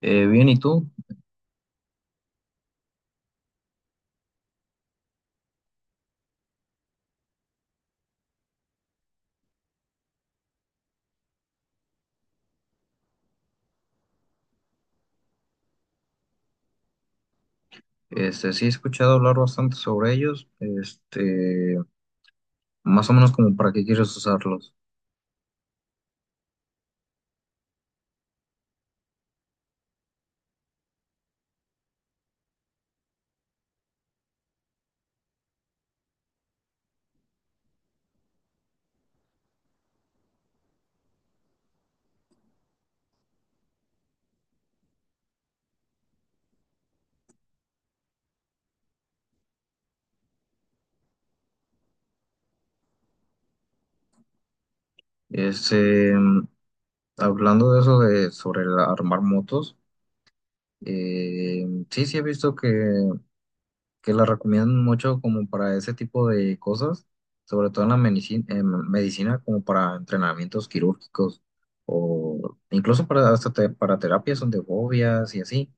Bien, ¿y tú? Sí he escuchado hablar bastante sobre ellos, más o menos como para qué quieres usarlos. Este, Hablando de eso de sobre el armar motos, sí, sí he visto que la recomiendan mucho como para ese tipo de cosas, sobre todo en la medicina, medicina como para entrenamientos quirúrgicos o incluso para, para terapias son de fobias y así.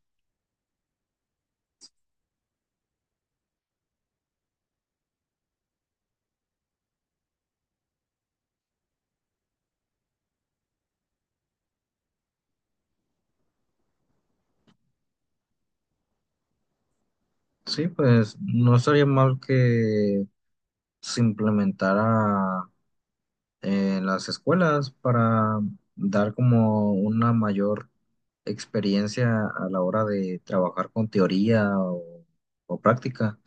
Sí, pues no estaría mal que se implementara en las escuelas para dar como una mayor experiencia a la hora de trabajar con teoría o práctica.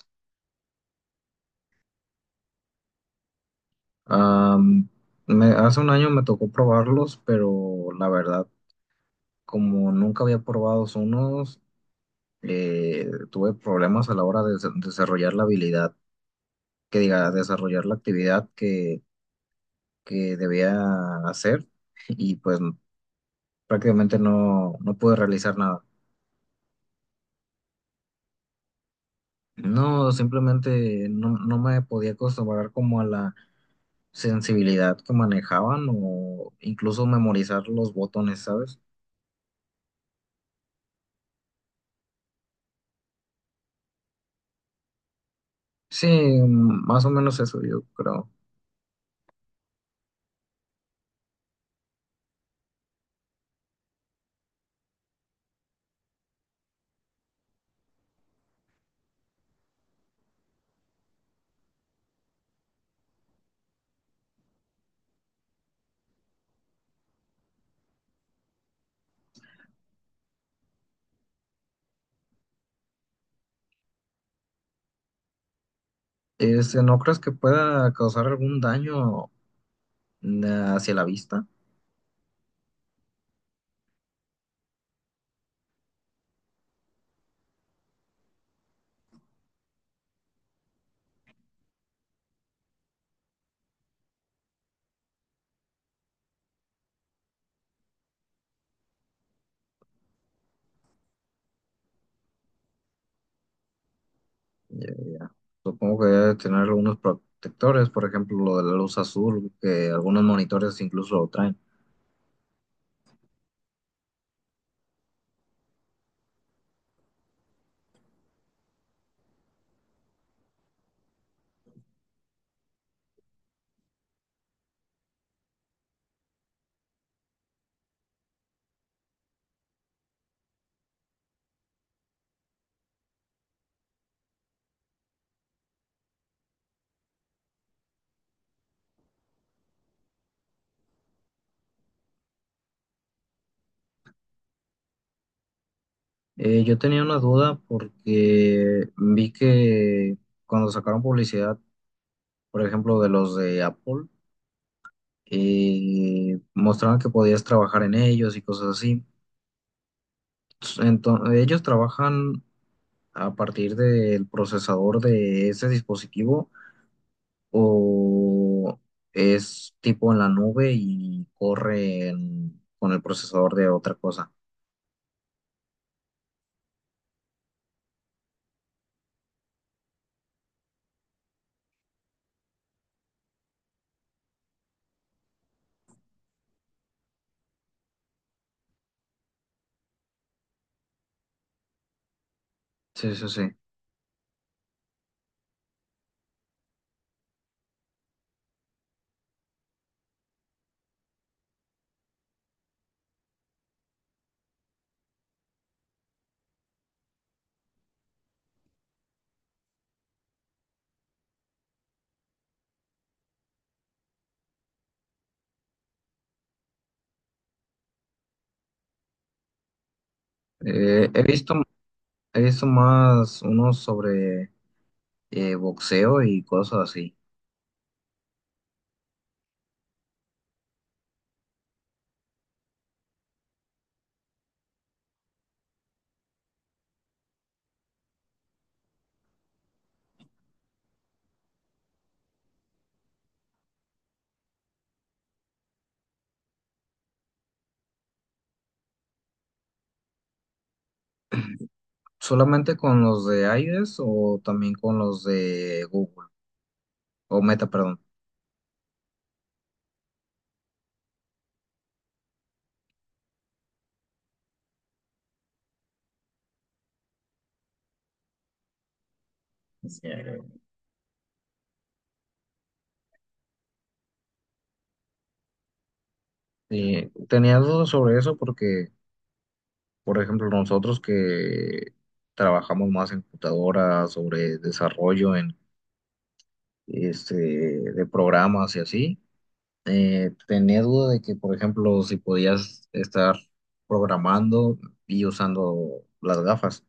Am, Hace un año me tocó probarlos, pero la verdad, como nunca había probado unos, tuve problemas a la hora de desarrollar la habilidad, que diga, desarrollar la actividad que debía hacer y pues prácticamente no, no pude realizar nada. No, simplemente no, no me podía acostumbrar como a la sensibilidad que manejaban o incluso memorizar los botones, ¿sabes? Sí, más o menos eso yo creo. ¿No crees que pueda causar algún daño eh, hacia la vista? Ya, ya. Supongo que debe tener algunos protectores, por ejemplo, lo de la luz azul, que algunos monitores incluso lo traen. Yo tenía una duda porque vi que cuando sacaron publicidad, por ejemplo, de los de Apple, mostraban que podías trabajar en ellos y cosas así. Entonces, ¿ellos trabajan a partir del procesador de ese dispositivo o es tipo en la nube y corre con el procesador de otra cosa? Sí, sí, sí. Eh, he visto, He visto más unos sobre boxeo y cosas así. ¿Solamente con los de Aides o también con los de Google o Meta, perdón? Sí. Tenía dudas sobre eso porque, por ejemplo, nosotros que trabajamos más en computadoras, sobre desarrollo en, de programas y así, tenía duda de que, por ejemplo, si podías estar programando y usando las gafas.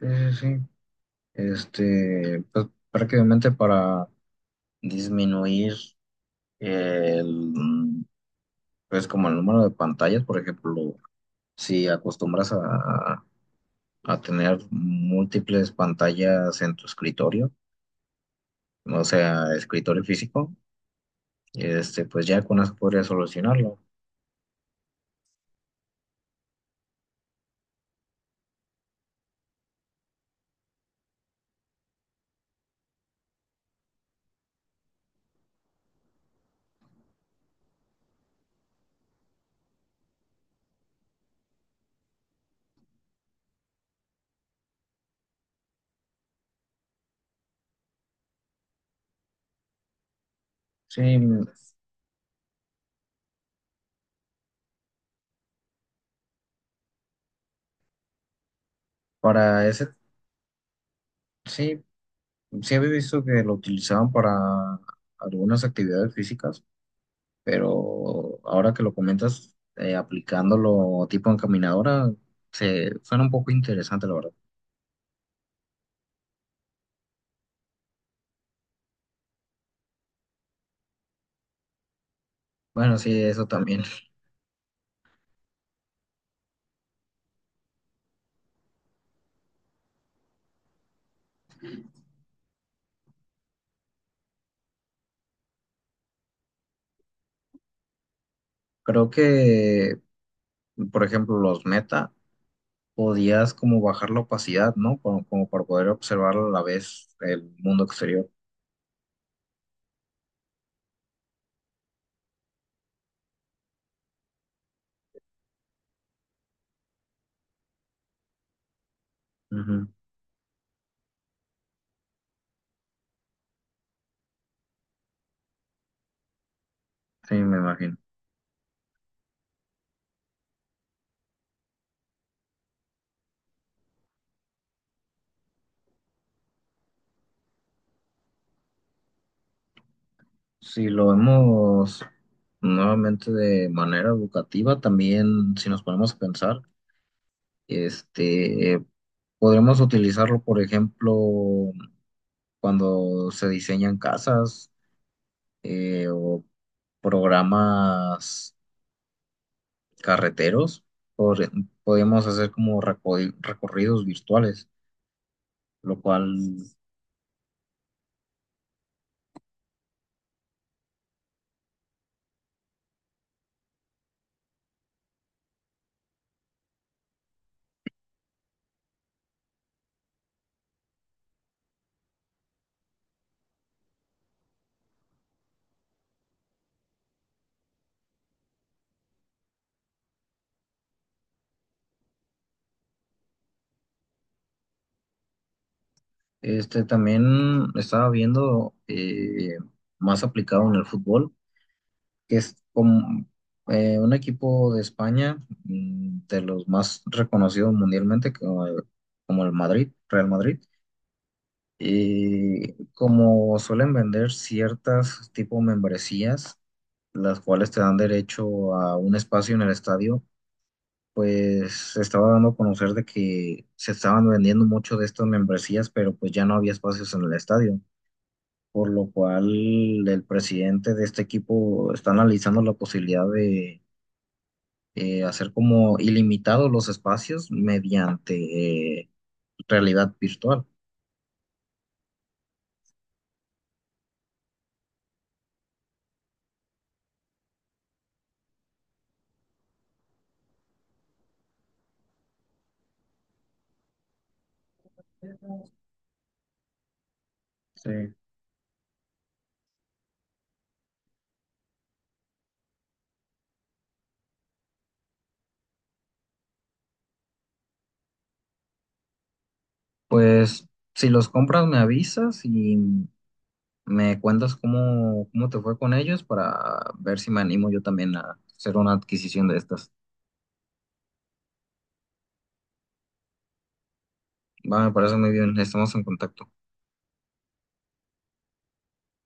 Sí, sí, sí. Pues prácticamente para disminuir el, mm, pues como el número de pantallas, por ejemplo, si acostumbras a tener múltiples pantallas en tu escritorio, o sea, escritorio físico, pues ya con eso podrías solucionarlo. Sí, para ese, sí, sí había visto que lo utilizaban para algunas actividades físicas, pero ahora que lo comentas, aplicándolo tipo encaminadora, se suena un poco interesante, la verdad. Bueno, sí, eso también. Creo que, por ejemplo, los meta, podías como bajar la opacidad, ¿no? Como, como para poder observar a la vez el mundo exterior. Ujú. Sí, me imagino. Si lo vemos nuevamente de manera educativa, también si nos ponemos a pensar, este, podremos utilizarlo, por ejemplo, cuando se diseñan casas o programas carreteros, por- podemos hacer como recorridos virtuales, lo cual también estaba viendo más aplicado en el fútbol, que es como un equipo de España, de los más reconocidos mundialmente, como como el Madrid, Real Madrid. Y como suelen vender ciertas tipo membresías, las cuales te dan derecho a un espacio en el estadio, pues se estaba dando a conocer de que se estaban vendiendo mucho de estas membresías, pero pues ya no había espacios en el estadio, por lo cual el presidente de este equipo está analizando la posibilidad de hacer como ilimitados los espacios mediante eh, realidad virtual. Sí. Pues si los compras me avisas y me cuentas cómo, cómo te fue con ellos para ver si me animo yo también a hacer una adquisición de estas. Va, me parece muy bien, estamos en contacto.